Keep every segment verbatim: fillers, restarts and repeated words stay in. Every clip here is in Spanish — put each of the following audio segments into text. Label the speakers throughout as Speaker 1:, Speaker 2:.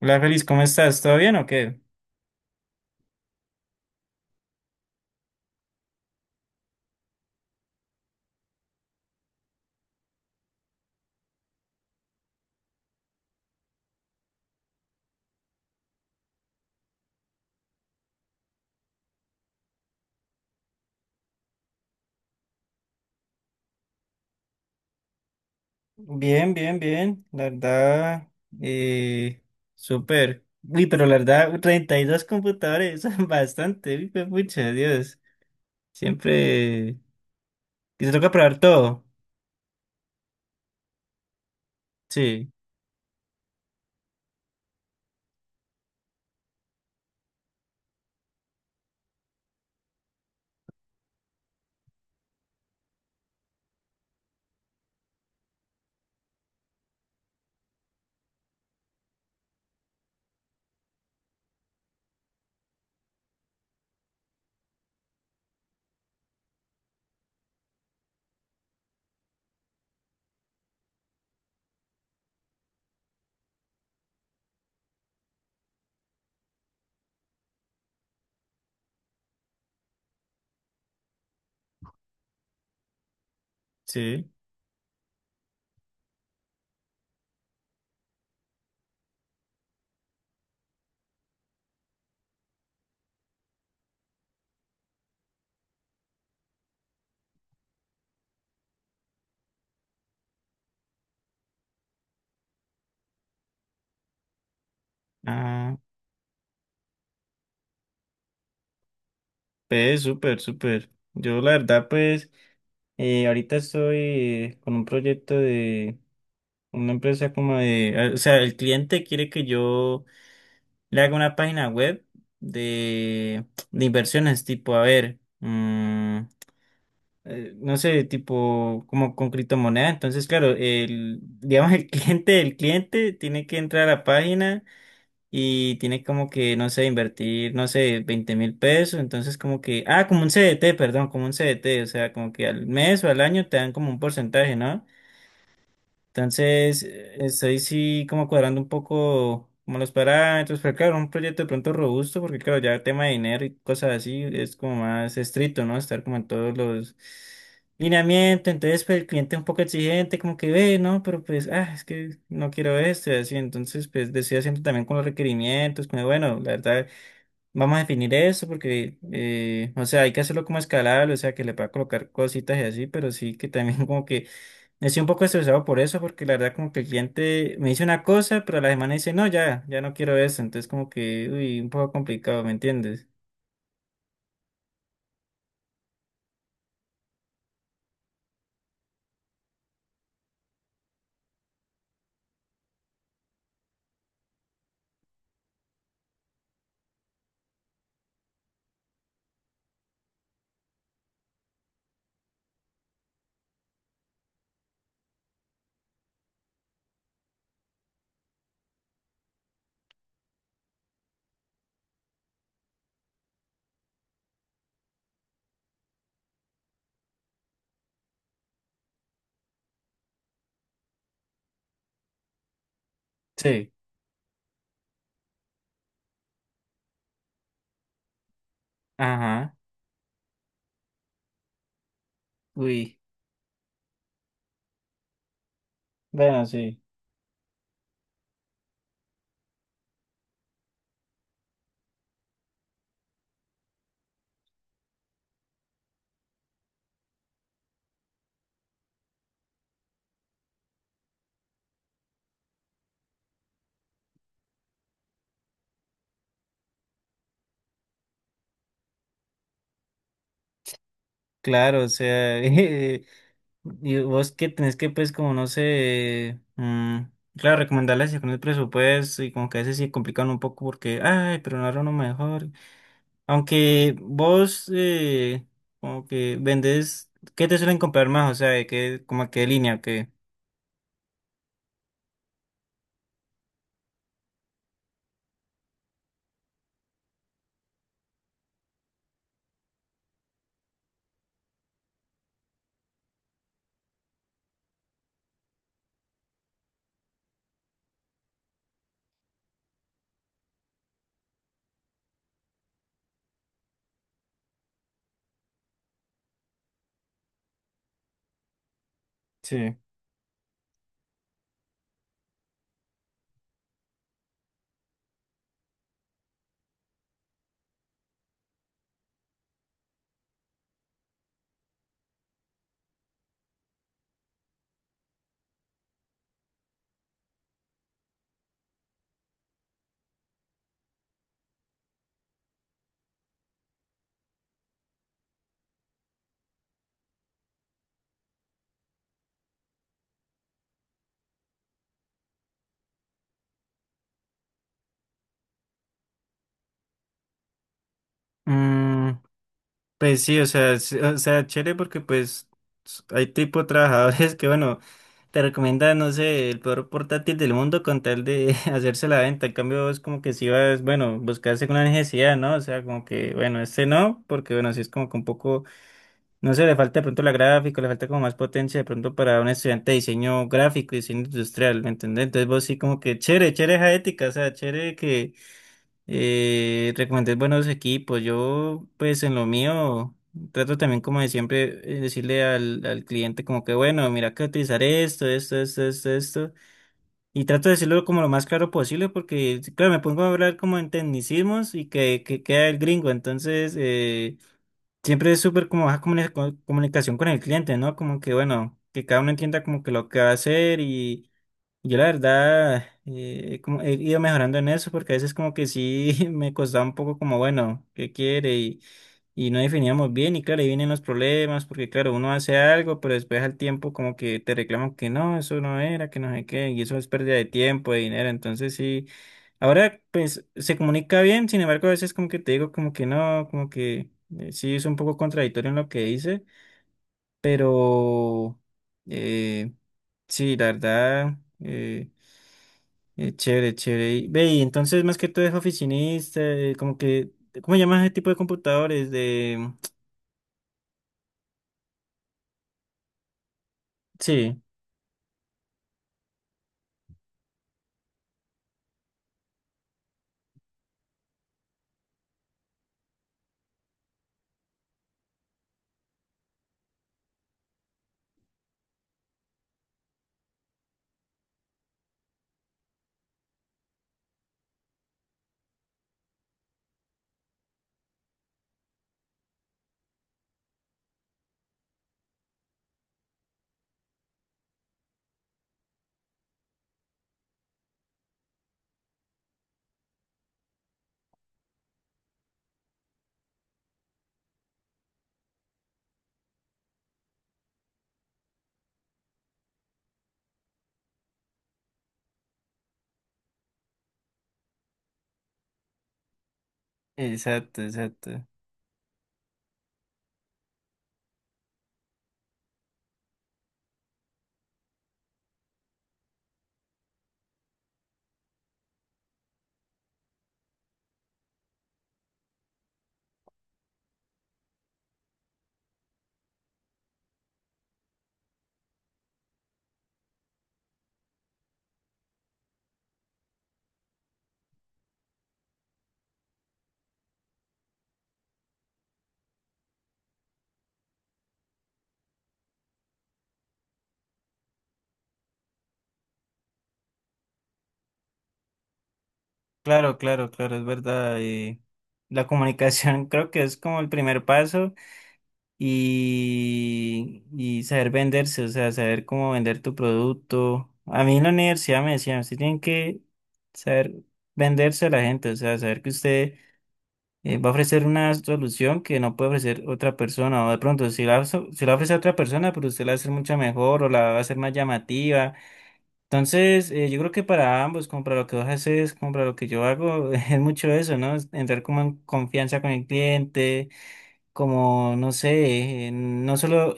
Speaker 1: Hola Feliz, ¿cómo estás? ¿Todo bien o qué? Bien, bien, bien. La verdad, eh, súper. Uy, pero la verdad, treinta y dos computadores, bastante. Uy, fue mucha, Dios. Siempre. Y te toca probar todo. Sí, sí. Ah, pues súper, súper. Yo la verdad, pues, eh, ahorita estoy eh, con un proyecto de una empresa como de. Ah, o sea, el cliente quiere que yo le haga una página web de, de inversiones, tipo, a ver, mm, eh, no sé, tipo, como con criptomoneda. Entonces, claro, el, digamos, el cliente del cliente tiene que entrar a la página y tiene como que, no sé, invertir, no sé, veinte mil pesos. Entonces, como que, ah, como un C D T, perdón, como un C D T, o sea, como que al mes o al año te dan como un porcentaje, ¿no? Entonces, eh, estoy sí como cuadrando un poco como los parámetros, pero claro, un proyecto de pronto robusto, porque claro, ya el tema de dinero y cosas así es como más estricto, ¿no? Estar como en todos los lineamientos, entonces pues, el cliente es un poco exigente, como que ve, ¿no? Pero pues, ah, es que no quiero esto y así, entonces pues decido haciendo también con los requerimientos, como bueno, la verdad, vamos a definir eso porque, eh, o sea, hay que hacerlo como escalable, o sea, que le pueda colocar cositas y así, pero sí que también como que estoy un poco estresado por eso, porque la verdad como que el cliente me dice una cosa, pero a la semana dice, no, ya, ya no quiero eso. Entonces como que, uy, un poco complicado, ¿me entiendes? Sí. Ajá, uy, bueno, sí, claro, o sea, y vos que tenés que, pues, como, no sé, mm, claro, recomendarles con el presupuesto y como que a veces sí complican un poco porque, ay, pero no era uno mejor, aunque vos, eh, como que vendés, ¿qué te suelen comprar más? O sea, ¿de qué, como a qué línea, o qué? Sí. Mm, pues sí, o sea, s- o sea, chévere porque pues s- hay tipo de trabajadores que, bueno, te recomiendan, no sé, el peor portátil del mundo con tal de hacerse la venta. En cambio, vos como que si vas, bueno, buscarse una necesidad, ¿no? O sea, como que, bueno, este no, porque bueno, si es como que un poco, no sé, le falta de pronto la gráfica, le falta como más potencia de pronto para un estudiante de diseño gráfico y diseño industrial, ¿me entendés? Entonces vos sí como que chévere, chévere esa ética, o sea, chévere que Eh, recomendé buenos equipos. Yo, pues en lo mío, trato también como de siempre eh, decirle al, al cliente como que, bueno, mira que utilizar esto, esto, esto, esto, esto. Y trato de decirlo como lo más claro posible porque, claro, me pongo a hablar como en tecnicismos y que, que queda el gringo. Entonces, eh, siempre es súper como baja comuni- co- comunicación con el cliente, ¿no? Como que, bueno, que cada uno entienda como que lo que va a hacer y yo la verdad eh, como he ido mejorando en eso porque a veces como que sí me costaba un poco como, bueno, ¿qué quiere? Y, y no definíamos bien y claro, ahí vienen los problemas porque claro, uno hace algo, pero después al tiempo como que te reclaman que no, eso no era, que no sé qué, y eso es pérdida de tiempo, de dinero, entonces sí, ahora pues se comunica bien, sin embargo a veces como que te digo como que no, como que eh, sí es un poco contradictorio en lo que dice, pero... Eh, sí, la verdad, eh, eh, chévere, chévere. Y, ve, y entonces más que todo es oficinista, eh, como que, ¿cómo llamas ese tipo de computadores? De... Sí, exacto, exacto. Claro, claro, claro, es verdad. Eh, la comunicación creo que es como el primer paso y, y saber venderse, o sea, saber cómo vender tu producto. A mí en la universidad me decían, usted tiene que saber venderse a la gente, o sea, saber que usted eh, va a ofrecer una solución que no puede ofrecer otra persona, o de pronto si la, so- si la ofrece a otra persona, pero usted la va a hacer mucho mejor o la va a hacer más llamativa. Entonces, eh, yo creo que para ambos, como para lo que vos haces, como para lo que yo hago, es mucho eso, ¿no? Es entrar como en confianza con el cliente, como, no sé, eh, no solo,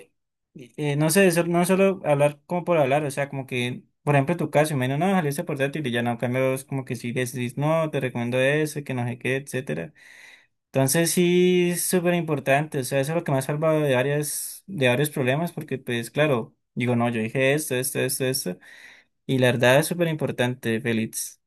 Speaker 1: eh, no sé, so- no solo hablar como por hablar, o sea, como que... Por ejemplo, en tu caso, menos no, ojalá ese portátil y ya no, en cambio, vos como que si le decís, no, te recomiendo ese, que no sé qué, etcétera. Entonces sí es súper importante, o sea, eso es lo que me ha salvado de varias, de varios problemas, porque pues claro, digo, no, yo dije esto, esto, esto, esto, y la verdad es súper importante, Félix.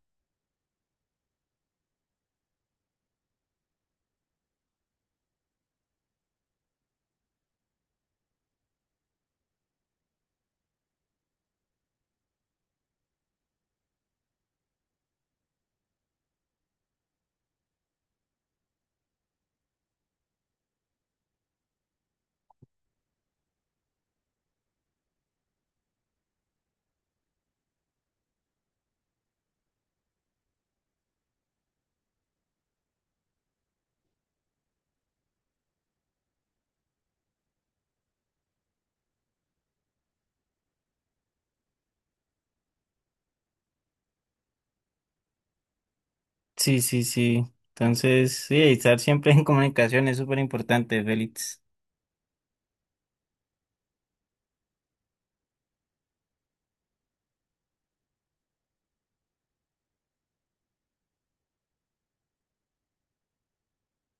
Speaker 1: Sí, sí, sí. Entonces, sí, estar siempre en comunicación es súper importante, Félix.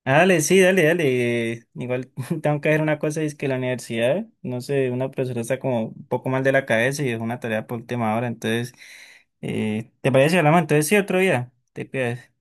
Speaker 1: Ah, dale, sí, dale, dale. eh, Igual tengo que hacer una cosa, y es que la universidad, no sé, una profesora está como un poco mal de la cabeza y es una tarea por última hora, entonces, eh, ¿te parece si hablamos entonces sí otro día? Te cuidas.